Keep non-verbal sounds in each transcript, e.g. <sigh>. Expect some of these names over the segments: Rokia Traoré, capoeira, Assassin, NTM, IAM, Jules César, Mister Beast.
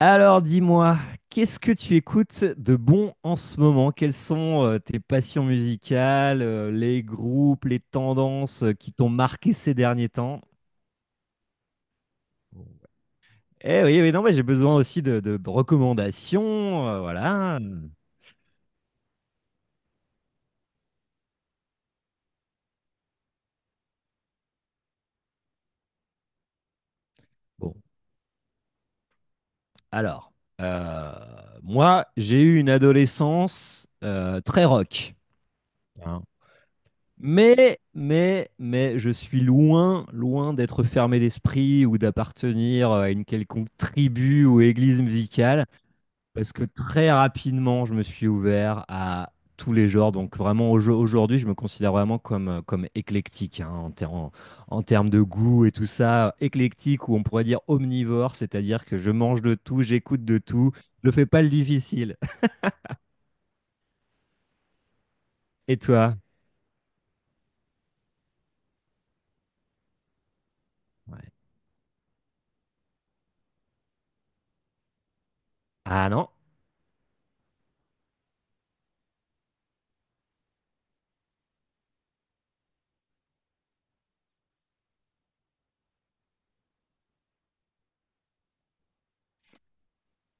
Alors dis-moi, qu'est-ce que tu écoutes de bon en ce moment? Quelles sont tes passions musicales, les groupes, les tendances qui t'ont marqué ces derniers temps? Eh oui, oui, non, mais j'ai besoin aussi de recommandations, voilà. Bon, alors, euh, moi, j'ai eu une adolescence très rock, hein. Mais je suis loin, loin d'être fermé d'esprit ou d'appartenir à une quelconque tribu ou église musicale, parce que très rapidement, je me suis ouvert à tous les genres. Donc vraiment, aujourd'hui, je me considère vraiment comme, comme éclectique, hein, en termes de goût et tout ça. Éclectique, ou on pourrait dire omnivore, c'est-à-dire que je mange de tout, j'écoute de tout, je fais pas le difficile. <laughs> Et toi? Ouais. Ah non?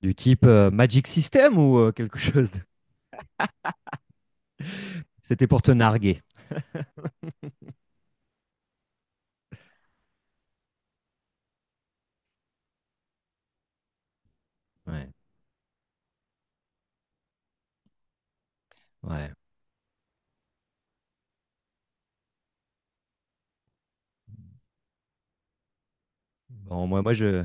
Du type Magic System ou quelque <laughs> chose. C'était pour te narguer. Ouais, ouais. Bon, moi, moi, je.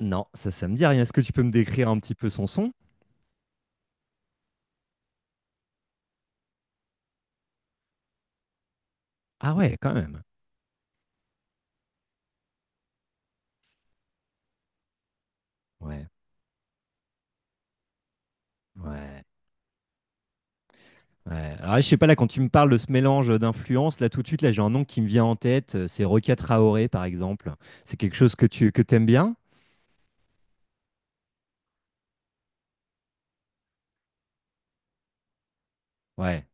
Non, ça me dit rien. Est-ce que tu peux me décrire un petit peu son son? Ah ouais, quand même. Ouais, ouais. Ah ouais. Alors, je sais pas, là, quand tu me parles de ce mélange d'influences, là, tout de suite, là, j'ai un nom qui me vient en tête. C'est Rokia Traoré, par exemple. C'est quelque chose que tu que t'aimes bien? Ouais.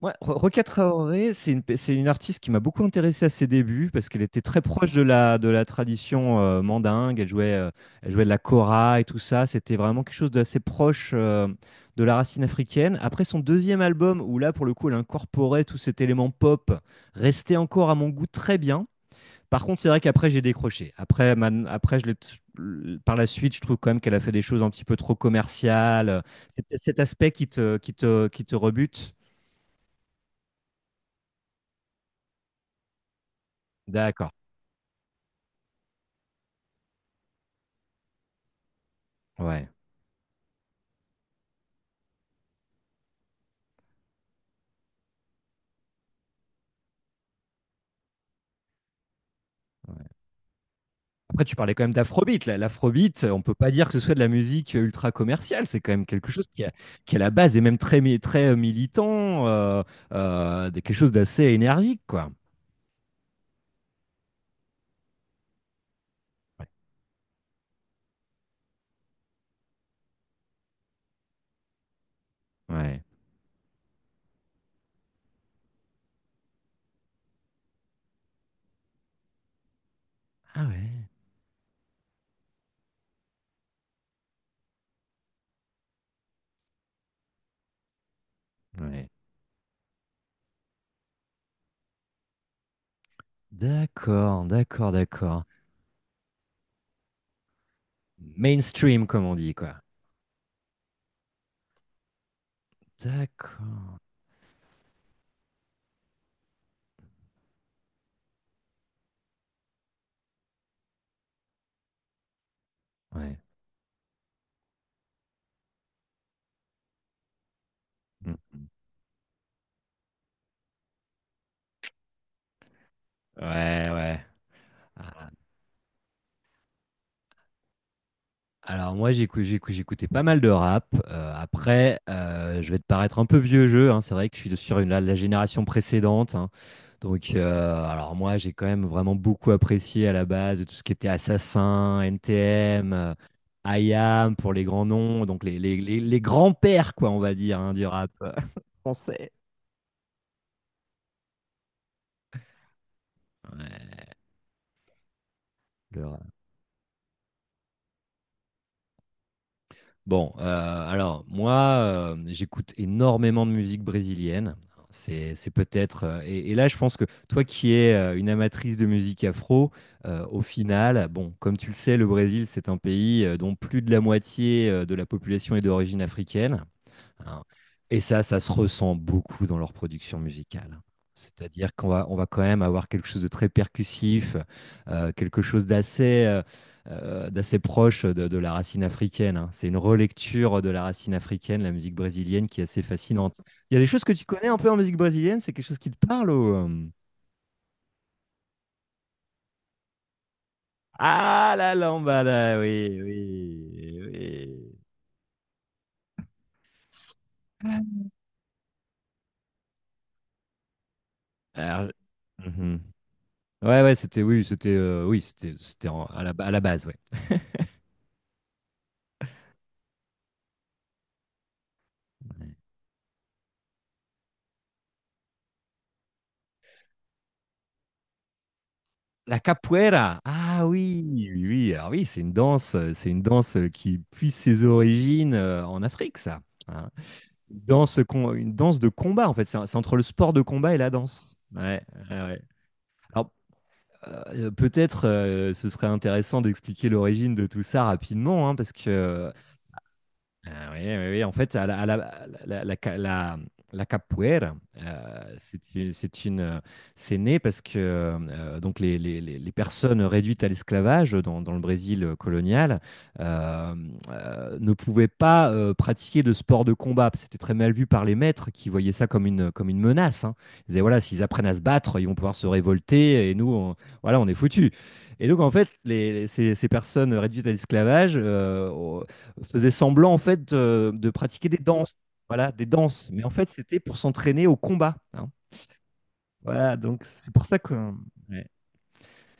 Ouais, Rokia Traoré, c'est une artiste qui m'a beaucoup intéressé à ses débuts parce qu'elle était très proche de la tradition mandingue. Elle jouait de la kora et tout ça. C'était vraiment quelque chose d'assez proche de la racine africaine. Après son deuxième album, où là, pour le coup, elle incorporait tout cet élément pop, restait encore à mon goût très bien. Par contre, c'est vrai qu'après, j'ai décroché. Après, man- après je l'ai t- Par la suite, je trouve quand même qu'elle a fait des choses un petit peu trop commerciales. C'est peut-être cet aspect qui te, qui te, qui te rebute. D'accord. Ouais, ouais. Après, tu parlais quand même d'afrobeat, là. L'afrobeat, on peut pas dire que ce soit de la musique ultra commerciale. C'est quand même quelque chose qui à la base est même très, très militant, quelque chose d'assez énergique, quoi. Ouais. Ouais. Ah ouais. Ouais. D'accord, d'accord, d'accord. Mainstream, comme on dit, quoi. D'accord. Ouais. Mm, mm. Ouais, ouais. Ah, alors moi, j'écoutais pas mal de rap. Après, je vais te paraître un peu vieux jeu, hein. C'est vrai que sur la, la génération précédente, hein. Donc, alors moi, j'ai quand même vraiment beaucoup apprécié à la base tout ce qui était Assassin, NTM, IAM pour les grands noms, donc les, les grands-pères, quoi, on va dire, hein, du rap <laughs> français. Ouais, le rap. Bon, alors moi, j'écoute énormément de musique brésilienne. C'est peut-être. Et là, je pense que toi qui es une amatrice de musique afro, au final, bon, comme tu le sais, le Brésil, c'est un pays dont plus de la moitié de la population est d'origine africaine, hein. Et ça se ressent beaucoup dans leur production musicale. C'est-à-dire qu'on va, on va quand même avoir quelque chose de très percussif, quelque chose d'assez d'assez proche de la racine africaine, hein. C'est une relecture de la racine africaine, la musique brésilienne, qui est assez fascinante. Il y a des choses que tu connais un peu en musique brésilienne, c'est quelque chose qui te parle ou... Ah, la lambada, oui, oui, oui. Alors, mhm. Ouais, ouais, c'était, oui, c'était, oui, c'était, c'était à la base, ouais. La capoeira. Ah oui, oui, oui. Alors oui, c'est une danse qui puise ses origines en Afrique, ça, hein. Une danse, une danse de combat, en fait. C'est c'est entre le sport de combat et la danse. Ouais, ouais, ouais. Alors peut-être ce serait intéressant d'expliquer l'origine de tout ça rapidement, hein, parce que ah oui, oui, oui. En fait, à la, la capoeira, c'est une, c'est une, c'est né parce que donc les, les personnes réduites à l'esclavage dans, dans le Brésil colonial euh, ne pouvaient pas pratiquer de sport de combat. C'était très mal vu par les maîtres qui voyaient ça comme une menace, hein. Ils disaient, voilà, s'ils apprennent à se battre, ils vont pouvoir se révolter et nous, voilà, on est foutus. Et donc, en fait, les, ces, ces personnes réduites à l'esclavage, faisait semblant en fait de pratiquer des danses, voilà, des danses. Mais en fait, c'était pour s'entraîner au combat, hein. Voilà, donc c'est pour ça que ouais,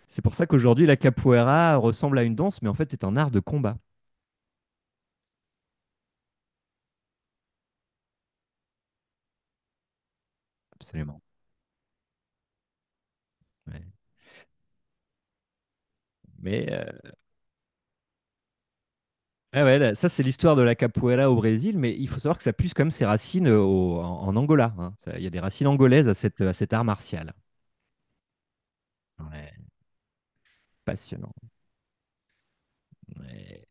c'est pour ça qu'aujourd'hui la capoeira ressemble à une danse, mais en fait est un art de combat. Absolument. Ouais. Mais ouais, ouais, là, ça c'est l'histoire de la capoeira au Brésil, mais il faut savoir que ça puise quand même ses racines en, en Angola, hein. Il y a des racines angolaises à, cette, à cet art martial. Ouais, passionnant. Ouais.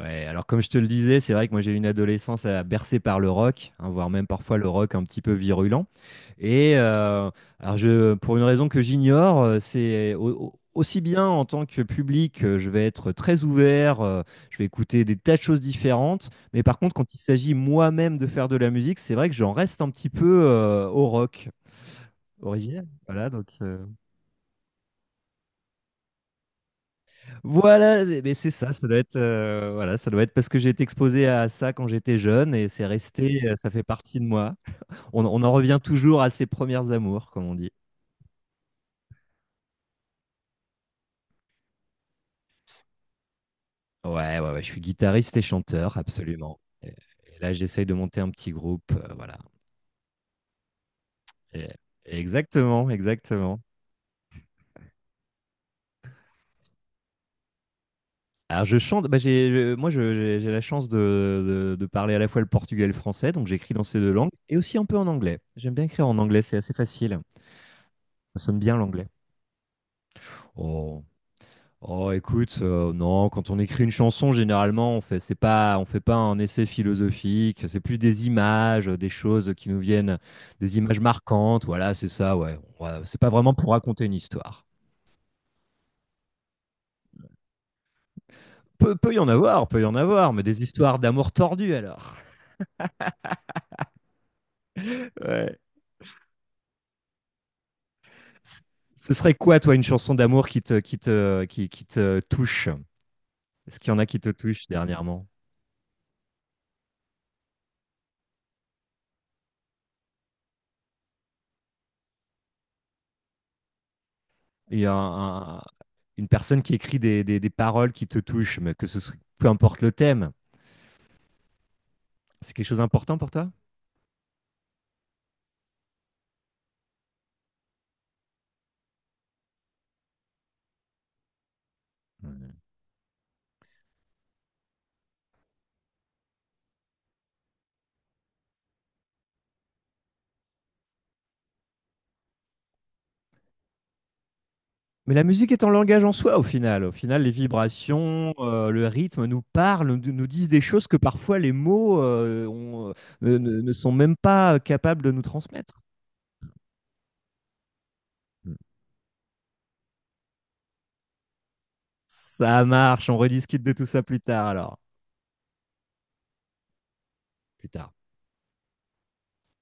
Ouais, alors comme je te le disais, c'est vrai que moi j'ai eu une adolescence à bercée par le rock, hein, voire même parfois le rock un petit peu virulent. Et alors je, pour une raison que j'ignore, c'est aussi bien en tant que public, je vais être très ouvert, je vais écouter des tas de choses différentes. Mais par contre, quand il s'agit moi-même de faire de la musique, c'est vrai que j'en reste un petit peu au rock originel. Voilà, donc. Voilà, mais c'est ça, ça doit être, voilà, ça doit être parce que j'ai été exposé à ça quand j'étais jeune et c'est resté, ça fait partie de moi. On en revient toujours à ses premières amours, comme on dit. Ouais, ouais, ouais, je suis guitariste et chanteur, absolument, et là, j'essaye de monter un petit groupe, voilà, et exactement, exactement. Alors je chante, bah, j'ai je moi, je j'ai la chance de parler à la fois le portugais et le français, donc j'écris dans ces 2 langues et aussi un peu en anglais. J'aime bien écrire en anglais, c'est assez facile. Ça sonne bien l'anglais. Oh! Oh, écoute, non, quand on écrit une chanson, généralement, c'est pas, on fait pas un essai philosophique, c'est plus des images, des choses qui nous viennent, des images marquantes, voilà, c'est ça, ouais. Ouais, c'est pas vraiment pour raconter une histoire. Peut, peut y en avoir, peut y en avoir, mais des histoires d'amour tordues alors. <laughs> Ouais. C- Ce serait quoi, toi, une chanson d'amour qui te, qui te, qui te touche? Est-ce qu'il y en a qui te touchent dernièrement? Il y a une personne qui écrit des paroles qui te touchent, mais que ce soit, peu importe le thème. C'est quelque chose d'important pour toi. Mhm. Mais la musique est un langage en soi au final. Au final, les vibrations, le rythme nous parlent, nous, nous disent des choses que parfois les mots ne sont même pas capables de nous transmettre. Mhm. Ça marche, on rediscute de tout ça plus tard alors. Plus tard.